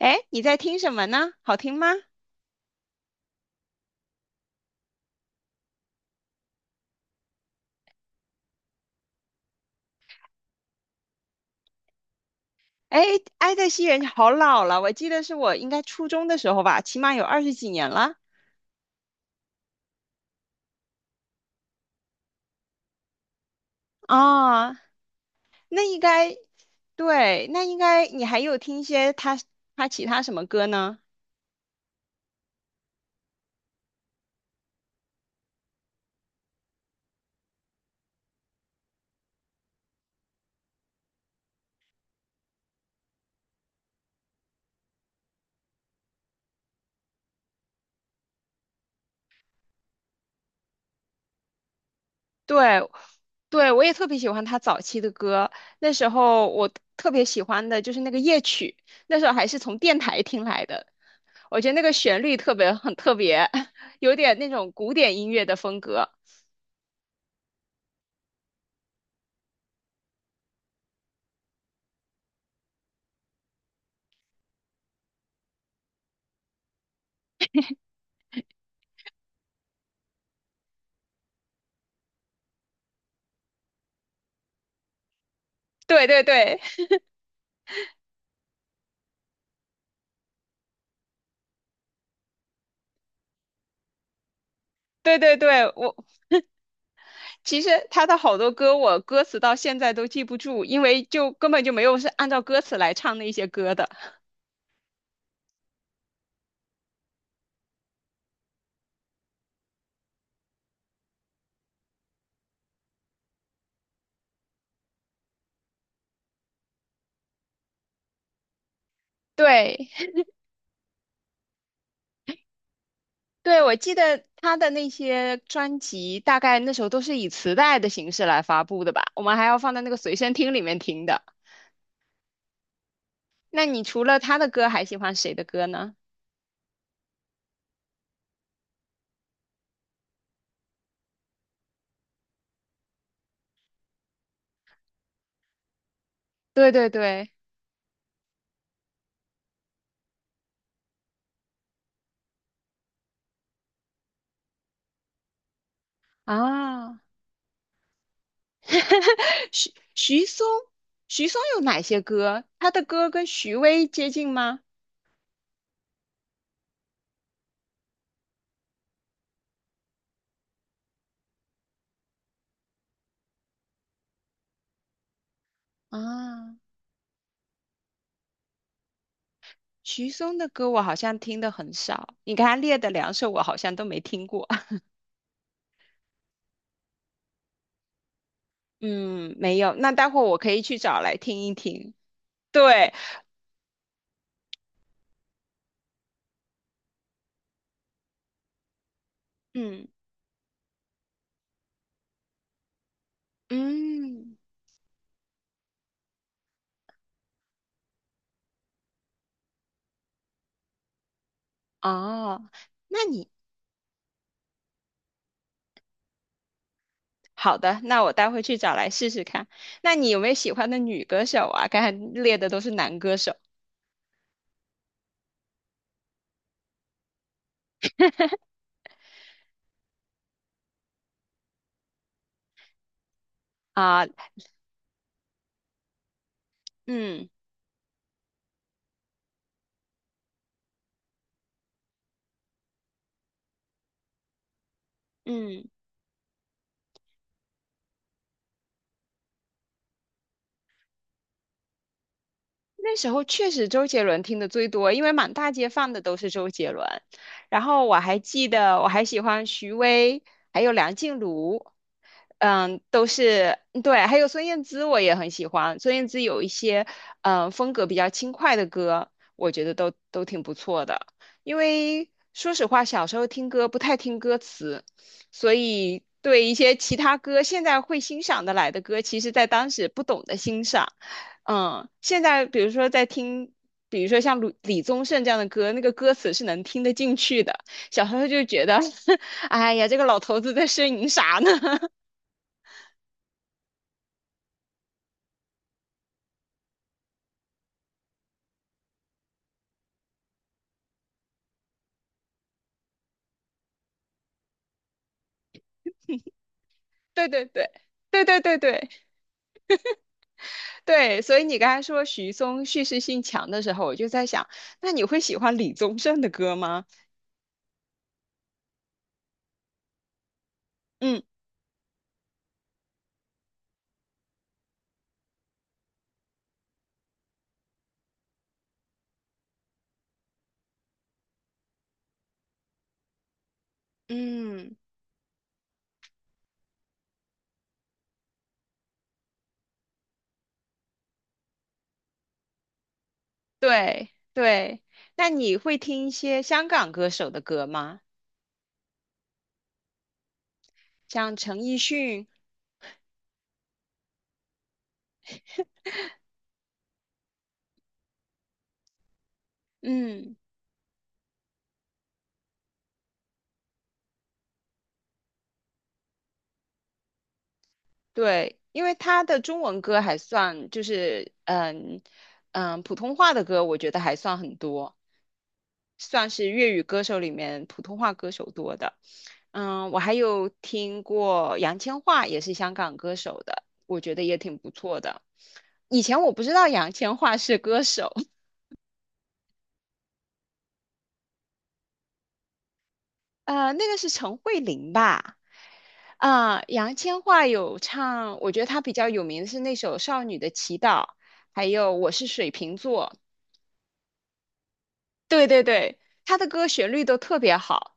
哎，你在听什么呢？好听吗？哎，《爱在西元前好老了，我记得是我应该初中的时候吧，起码有20几年了啊。那应该，对，那应该你还有听一些他其他什么歌呢？对，对，我也特别喜欢他早期的歌。那时候我特别喜欢的就是那个夜曲，那时候还是从电台听来的。我觉得那个旋律特别很特别，有点那种古典音乐的风格。对对对。对对对，我其实他的好多歌，我歌词到现在都记不住，因为就根本就没有是按照歌词来唱那些歌的。对，对，我记得他的那些专辑，大概那时候都是以磁带的形式来发布的吧，我们还要放在那个随身听里面听的。那你除了他的歌，还喜欢谁的歌呢？对对对，啊，徐嵩，徐嵩有哪些歌？他的歌跟徐巍接近吗？啊，许嵩的歌我好像听的很少，你刚才列的两首我好像都没听过。嗯，没有，那待会儿我可以去找来听一听。对，嗯嗯，哦，那你好的，那我待会去找来试试看。那你有没有喜欢的女歌手啊？刚才列的都是男歌手啊，嗯嗯。那时候确实周杰伦听的最多，因为满大街放的都是周杰伦。然后我还记得，我还喜欢徐巍，还有梁静茹，嗯，都是对，还有孙燕姿，我也很喜欢。孙燕姿有一些风格比较轻快的歌，我觉得都挺不错的。因为说实话，小时候听歌不太听歌词，所以对一些其他歌现在会欣赏的来的歌，其实在当时不懂得欣赏。嗯，现在比如说在听，比如说像李宗盛这样的歌，那个歌词是能听得进去的。小时候就觉得，哎呀，这个老头子在呻吟啥呢？对对对。对对对对对，所以你刚才说许嵩叙事性强的时候，我就在想，那你会喜欢李宗盛的歌吗？嗯嗯，对对。那你会听一些香港歌手的歌吗？像陈奕迅，嗯。对，因为他的中文歌还算就是普通话的歌，我觉得还算很多，算是粤语歌手里面普通话歌手多的。嗯，我还有听过杨千嬅，也是香港歌手的，我觉得也挺不错的。以前我不知道杨千嬅是歌手，那个是陈慧琳吧？啊、杨千嬅有唱，我觉得她比较有名的是那首《少女的祈祷》，还有《我是水瓶座》。对对对，他的歌旋律都特别好。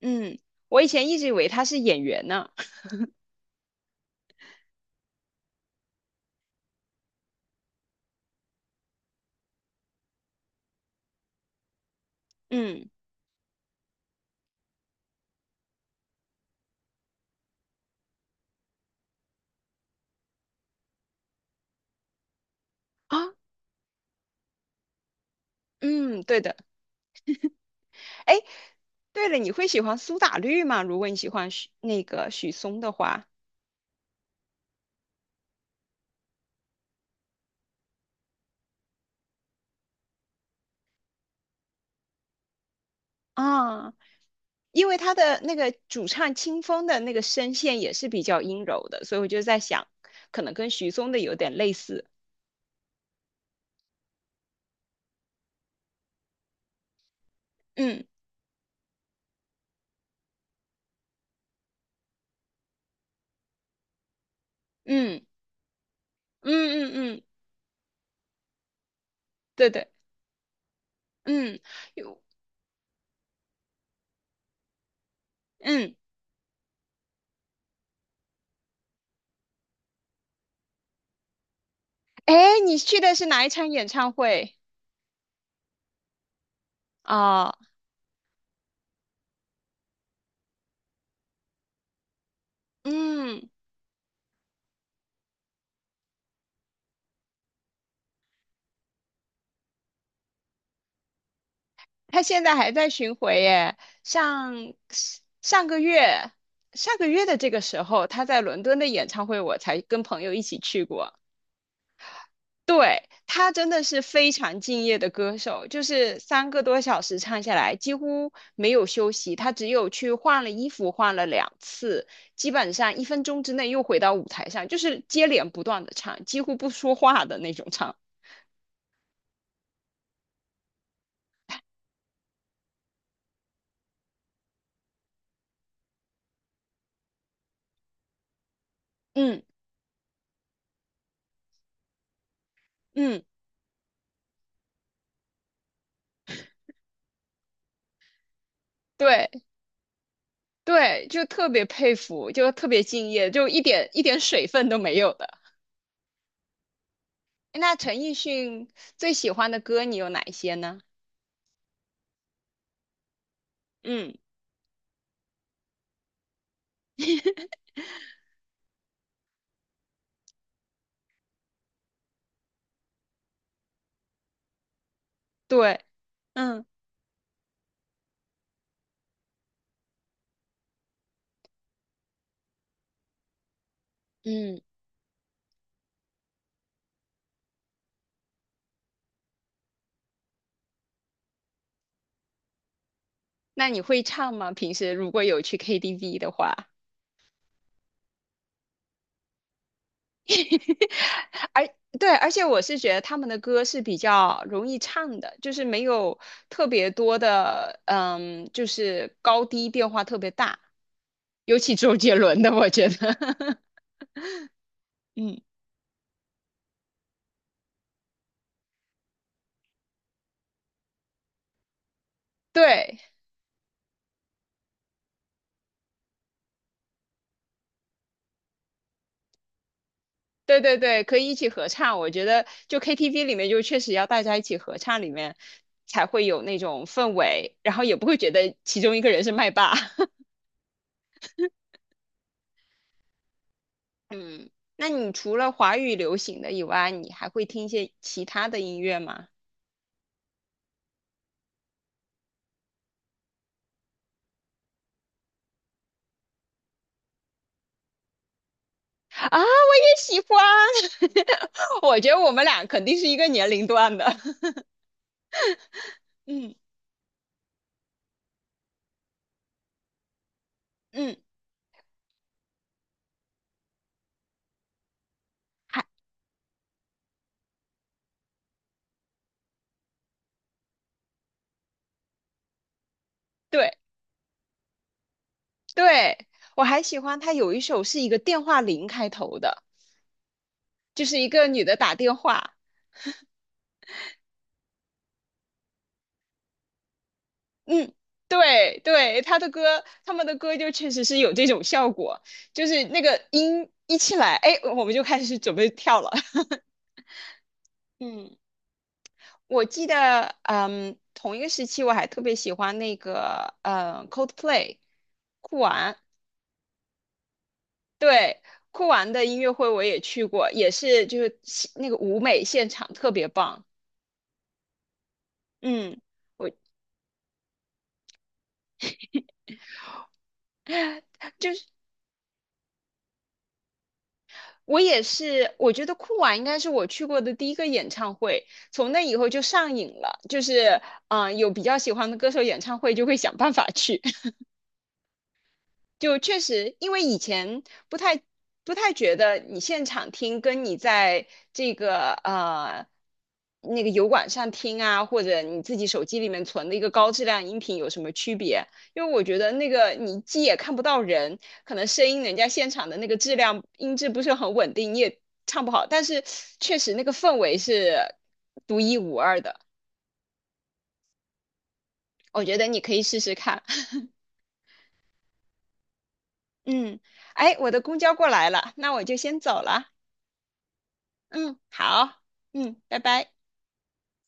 嗯，我以前一直以为他是演员呢。嗯啊，嗯，对的。哎，对了，你会喜欢苏打绿吗？如果你喜欢许那个许嵩的话，啊，因为他的那个主唱清风的那个声线也是比较阴柔的，所以我就在想，可能跟许嵩的有点类似。嗯嗯嗯嗯嗯，对对，嗯有嗯，哎，你去的是哪一场演唱会啊？嗯。他现在还在巡回耶，上上个月上个月的这个时候，他在伦敦的演唱会，我才跟朋友一起去过。对，他真的是非常敬业的歌手，就是3个多小时唱下来，几乎没有休息，他只有去换了衣服，换了两次，基本上一分钟之内又回到舞台上，就是接连不断的唱，几乎不说话的那种唱。嗯嗯，对。对，就特别佩服，就特别敬业，就一点一点水分都没有的。那陈奕迅最喜欢的歌你有哪一些呢？嗯对，嗯，嗯，那你会唱吗？平时如果有去 KTV 的话，而对，而且我是觉得他们的歌是比较容易唱的，就是没有特别多的，就是高低变化特别大，尤其周杰伦的，我觉得，嗯，对，对对对，可以一起合唱。我觉得就 KTV 里面，就确实要大家一起合唱，里面才会有那种氛围，然后也不会觉得其中一个人是麦霸。嗯，那你除了华语流行的以外，你还会听一些其他的音乐吗？啊，我也喜欢。我觉得我们俩肯定是一个年龄段的。嗯嗯，还对对，我还喜欢他有一首是一个电话铃开头的，就是一个女的打电话。嗯，对对，他们的歌就确实是有这种效果，就是那个音一起来，哎，我们就开始准备跳了。嗯，我记得，嗯，同一个时期我还特别喜欢那个，Coldplay，酷玩，对，酷玩的音乐会我也去过，也是就是那个舞美现场特别棒。嗯。我。我也是，我觉得酷娃应该是我去过的第一个演唱会，从那以后就上瘾了，就是有比较喜欢的歌手演唱会就会想办法去。就确实，因为以前不太不太觉得你现场听跟你在这个呃那个油管上听啊，或者你自己手机里面存的一个高质量音频有什么区别？因为我觉得那个你既也看不到人，可能声音人家现场的那个音质不是很稳定，你也唱不好，但是确实那个氛围是独一无二的，我觉得你可以试试看。嗯，哎，我的公交过来了，那我就先走了。嗯，好，嗯，拜拜。